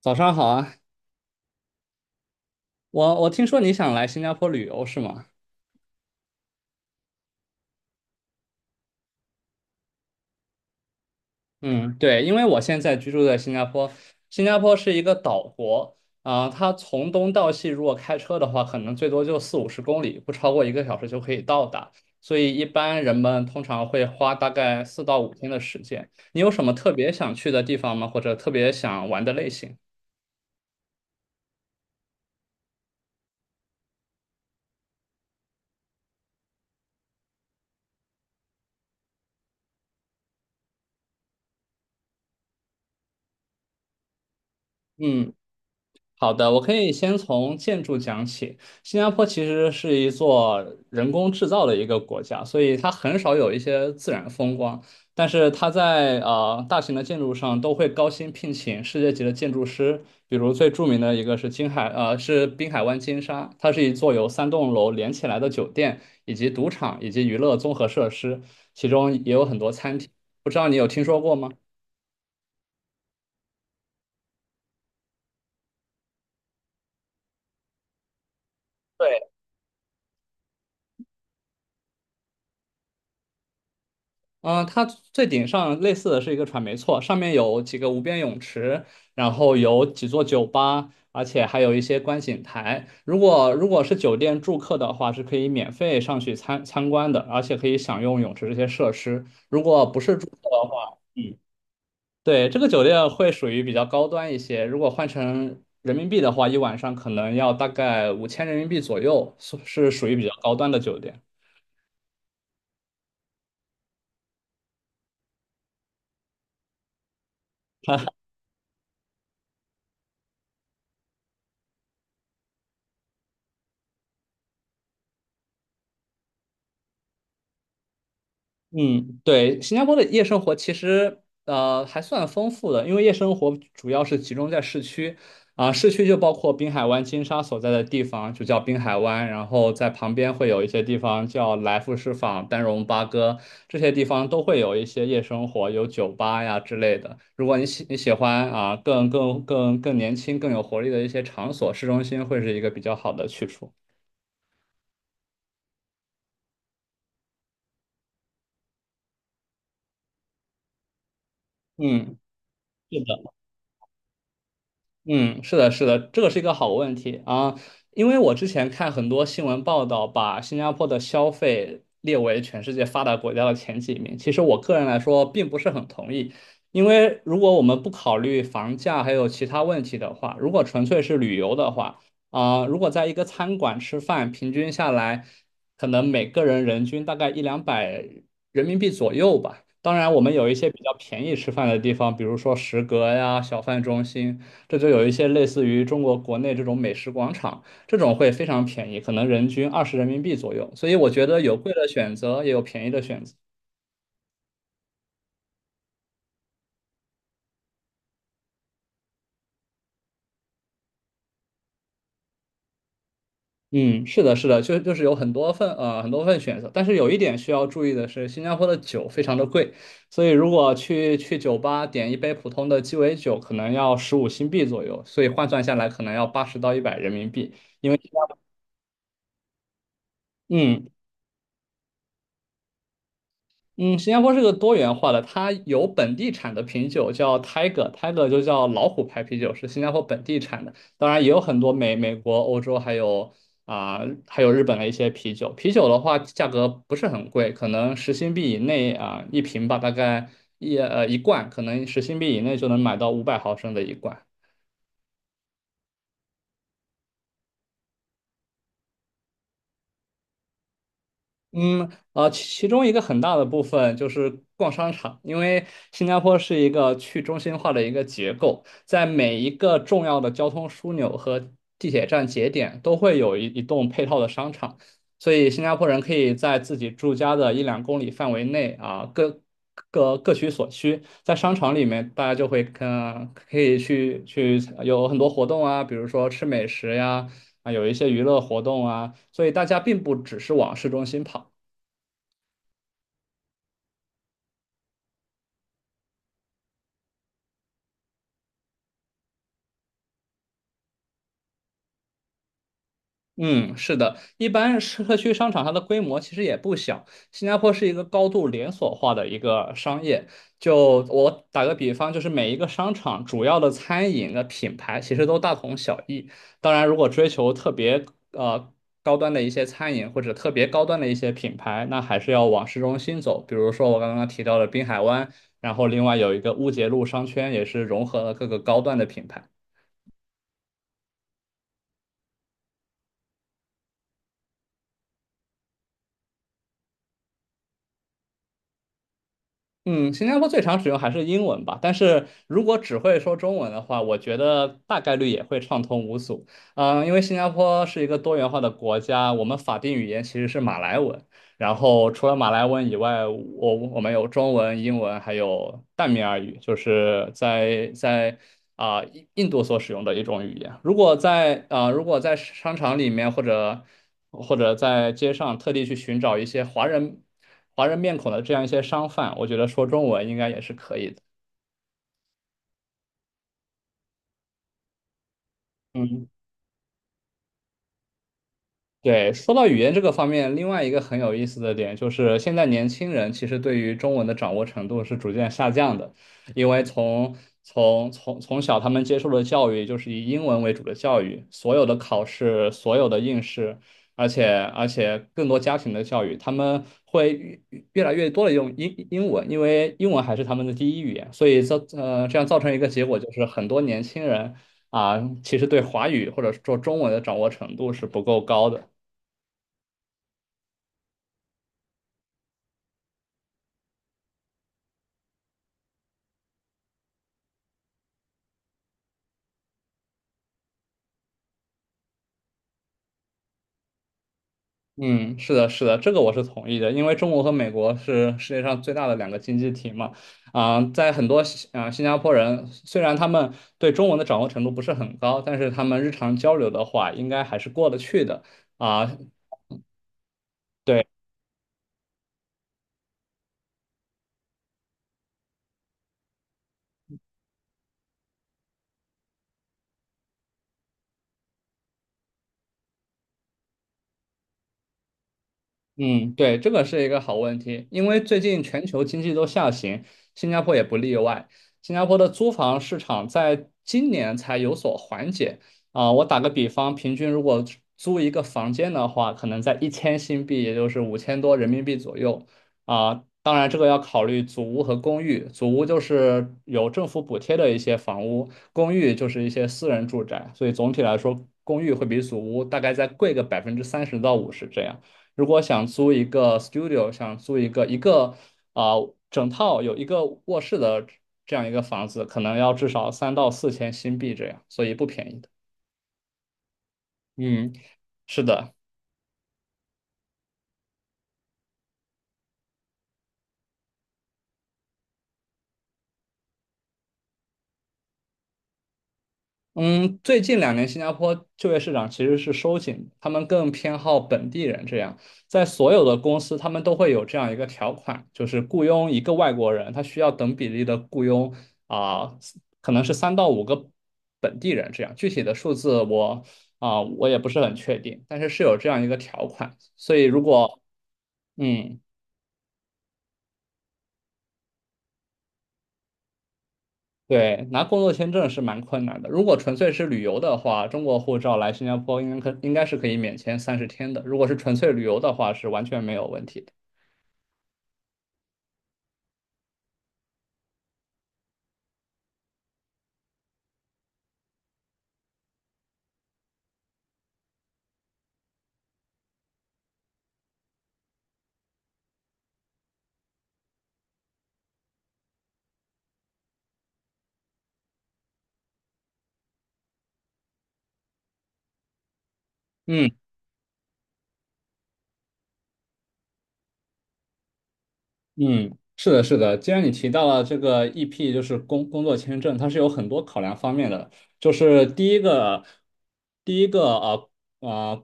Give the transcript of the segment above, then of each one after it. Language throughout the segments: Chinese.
早上好啊，我听说你想来新加坡旅游是吗？嗯，对，因为我现在居住在新加坡，新加坡是一个岛国啊，它从东到西如果开车的话，可能最多就四五十公里，不超过一个小时就可以到达，所以一般人们通常会花大概4到5天的时间。你有什么特别想去的地方吗？或者特别想玩的类型？嗯。好的，我可以先从建筑讲起。新加坡其实是一座人工制造的一个国家，所以它很少有一些自然风光。但是它在大型的建筑上都会高薪聘请世界级的建筑师，比如最著名的一个是金海呃是滨海湾金沙，它是一座由三栋楼连起来的酒店，以及赌场以及娱乐综合设施，其中也有很多餐厅。不知道你有听说过吗？对。嗯，它最顶上类似的是一个船，没错，上面有几个无边泳池，然后有几座酒吧，而且还有一些观景台。如果是酒店住客的话，是可以免费上去参观的，而且可以享用泳池这些设施。如果不是住客的话，嗯，对，这个酒店会属于比较高端一些。如果换成人民币的话，一晚上可能要大概5000人民币左右，是属于比较高端的酒店。嗯，对，新加坡的夜生活其实还算丰富的，因为夜生活主要是集中在市区，市区就包括滨海湾金沙所在的地方，就叫滨海湾，然后在旁边会有一些地方叫来福士坊、丹戎巴哥，这些地方都会有一些夜生活，有酒吧呀之类的。如果你喜欢更年轻、更有活力的一些场所，市中心会是一个比较好的去处。嗯，是的。嗯，是的，是的，这个是一个好问题啊，因为我之前看很多新闻报道，把新加坡的消费列为全世界发达国家的前几名。其实我个人来说，并不是很同意，因为如果我们不考虑房价还有其他问题的话，如果纯粹是旅游的话，如果在一个餐馆吃饭，平均下来，可能每个人人均大概一两百人民币左右吧。当然，我们有一些比较便宜吃饭的地方，比如说食阁呀、小贩中心。这就有一些类似于中国国内这种美食广场，这种会非常便宜，可能人均20人民币左右。所以我觉得有贵的选择，也有便宜的选择。嗯，是的，是的，就是有很多份选择，但是有一点需要注意的是，新加坡的酒非常的贵，所以如果去酒吧点一杯普通的鸡尾酒，可能要15新币左右，所以换算下来可能要80到100人民币。因为嗯，嗯，新加坡是个多元化的，它有本地产的啤酒叫 Tiger，Tiger 就叫老虎牌啤酒，是新加坡本地产的。当然也有很多美国、欧洲啊、还有日本的一些啤酒。啤酒的话，价格不是很贵，可能十新币以内一瓶吧，大概一罐，可能十新币以内就能买到500毫升的一罐。其中一个很大的部分就是逛商场，因为新加坡是一个去中心化的一个结构，在每一个重要的交通枢纽和地铁站节点都会有一栋配套的商场，所以新加坡人可以在自己住家的一两公里范围内啊，各取所需，在商场里面，大家就会可以去有很多活动啊，比如说吃美食呀，有一些娱乐活动啊，所以大家并不只是往市中心跑。嗯，是的，一般社区商场它的规模其实也不小。新加坡是一个高度连锁化的一个商业。就我打个比方，就是每一个商场主要的餐饮的品牌其实都大同小异。当然，如果追求特别呃高端的一些餐饮或者特别高端的一些品牌，那还是要往市中心走。比如说我刚刚提到的滨海湾，然后另外有一个乌节路商圈，也是融合了各个高端的品牌。嗯，新加坡最常使用还是英文吧，但是如果只会说中文的话，我觉得大概率也会畅通无阻。嗯，因为新加坡是一个多元化的国家，我们法定语言其实是马来文，然后除了马来文以外，我们有中文、英文，还有淡米尔语，就是在印度所使用的一种语言。如果在商场里面或者在街上特地去寻找一些华人面孔的这样一些商贩，我觉得说中文应该也是可以的。嗯，对，说到语言这个方面，另外一个很有意思的点就是，现在年轻人其实对于中文的掌握程度是逐渐下降的，因为从小他们接受的教育就是以英文为主的教育，所有的考试、所有的应试，而且而且更多家庭的教育，他们会越来越多的用英文，因为英文还是他们的第一语言，所以这样造成一个结果就是很多年轻人啊，其实对华语或者说中文的掌握程度是不够高的。嗯，是的，是的，这个我是同意的，因为中国和美国是世界上最大的两个经济体嘛，在很多新加坡人，虽然他们对中文的掌握程度不是很高，但是他们日常交流的话，应该还是过得去的啊、对。嗯，对，这个是一个好问题，因为最近全球经济都下行，新加坡也不例外。新加坡的租房市场在今年才有所缓解啊，我打个比方，平均如果租一个房间的话，可能在1000新币，也就是5000多人民币左右啊。当然，这个要考虑祖屋和公寓。祖屋就是有政府补贴的一些房屋，公寓就是一些私人住宅，所以总体来说，公寓会比祖屋大概再贵个30%到50%这样。如果想租一个 studio，想租一个整套有一个卧室的这样一个房子，可能要至少3到4千新币这样，所以不便宜的。嗯，是的。嗯，最近两年新加坡就业市场其实是收紧，他们更偏好本地人这样，在所有的公司他们都会有这样一个条款，就是雇佣一个外国人，他需要等比例的雇佣啊、可能是三到五个本地人这样，具体的数字我也不是很确定，但是是有这样一个条款，所以如果嗯。对，拿工作签证是蛮困难的。如果纯粹是旅游的话，中国护照来新加坡应该是可以免签30天的。如果是纯粹旅游的话，是完全没有问题的。嗯，嗯，是的，是的。既然你提到了这个 EP，就是工作签证，它是有很多考量方面的。就是第一个，第一个啊啊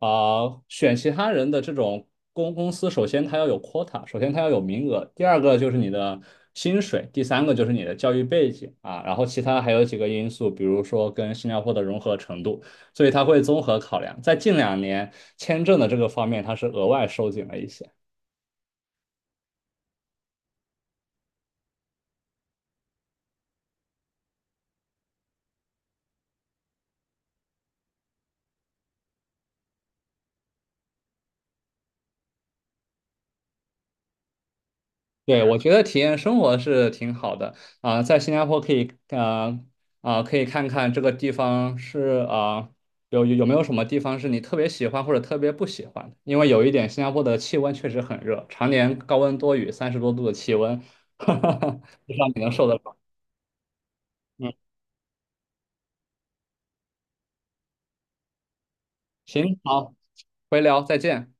选其他人的这种公司，首先它要有 quota，首先它要有名额。第二个就是你的薪水，第三个就是你的教育背景啊，然后其他还有几个因素，比如说跟新加坡的融合程度。所以它会综合考量。在近两年，签证的这个方面，它是额外收紧了一些。对，我觉得体验生活是挺好的在新加坡可以看看这个地方有没有什么地方是你特别喜欢或者特别不喜欢的？因为有一点，新加坡的气温确实很热，常年高温多雨，30多度的气温，不知道你能受得了。嗯，行，好，回聊，再见。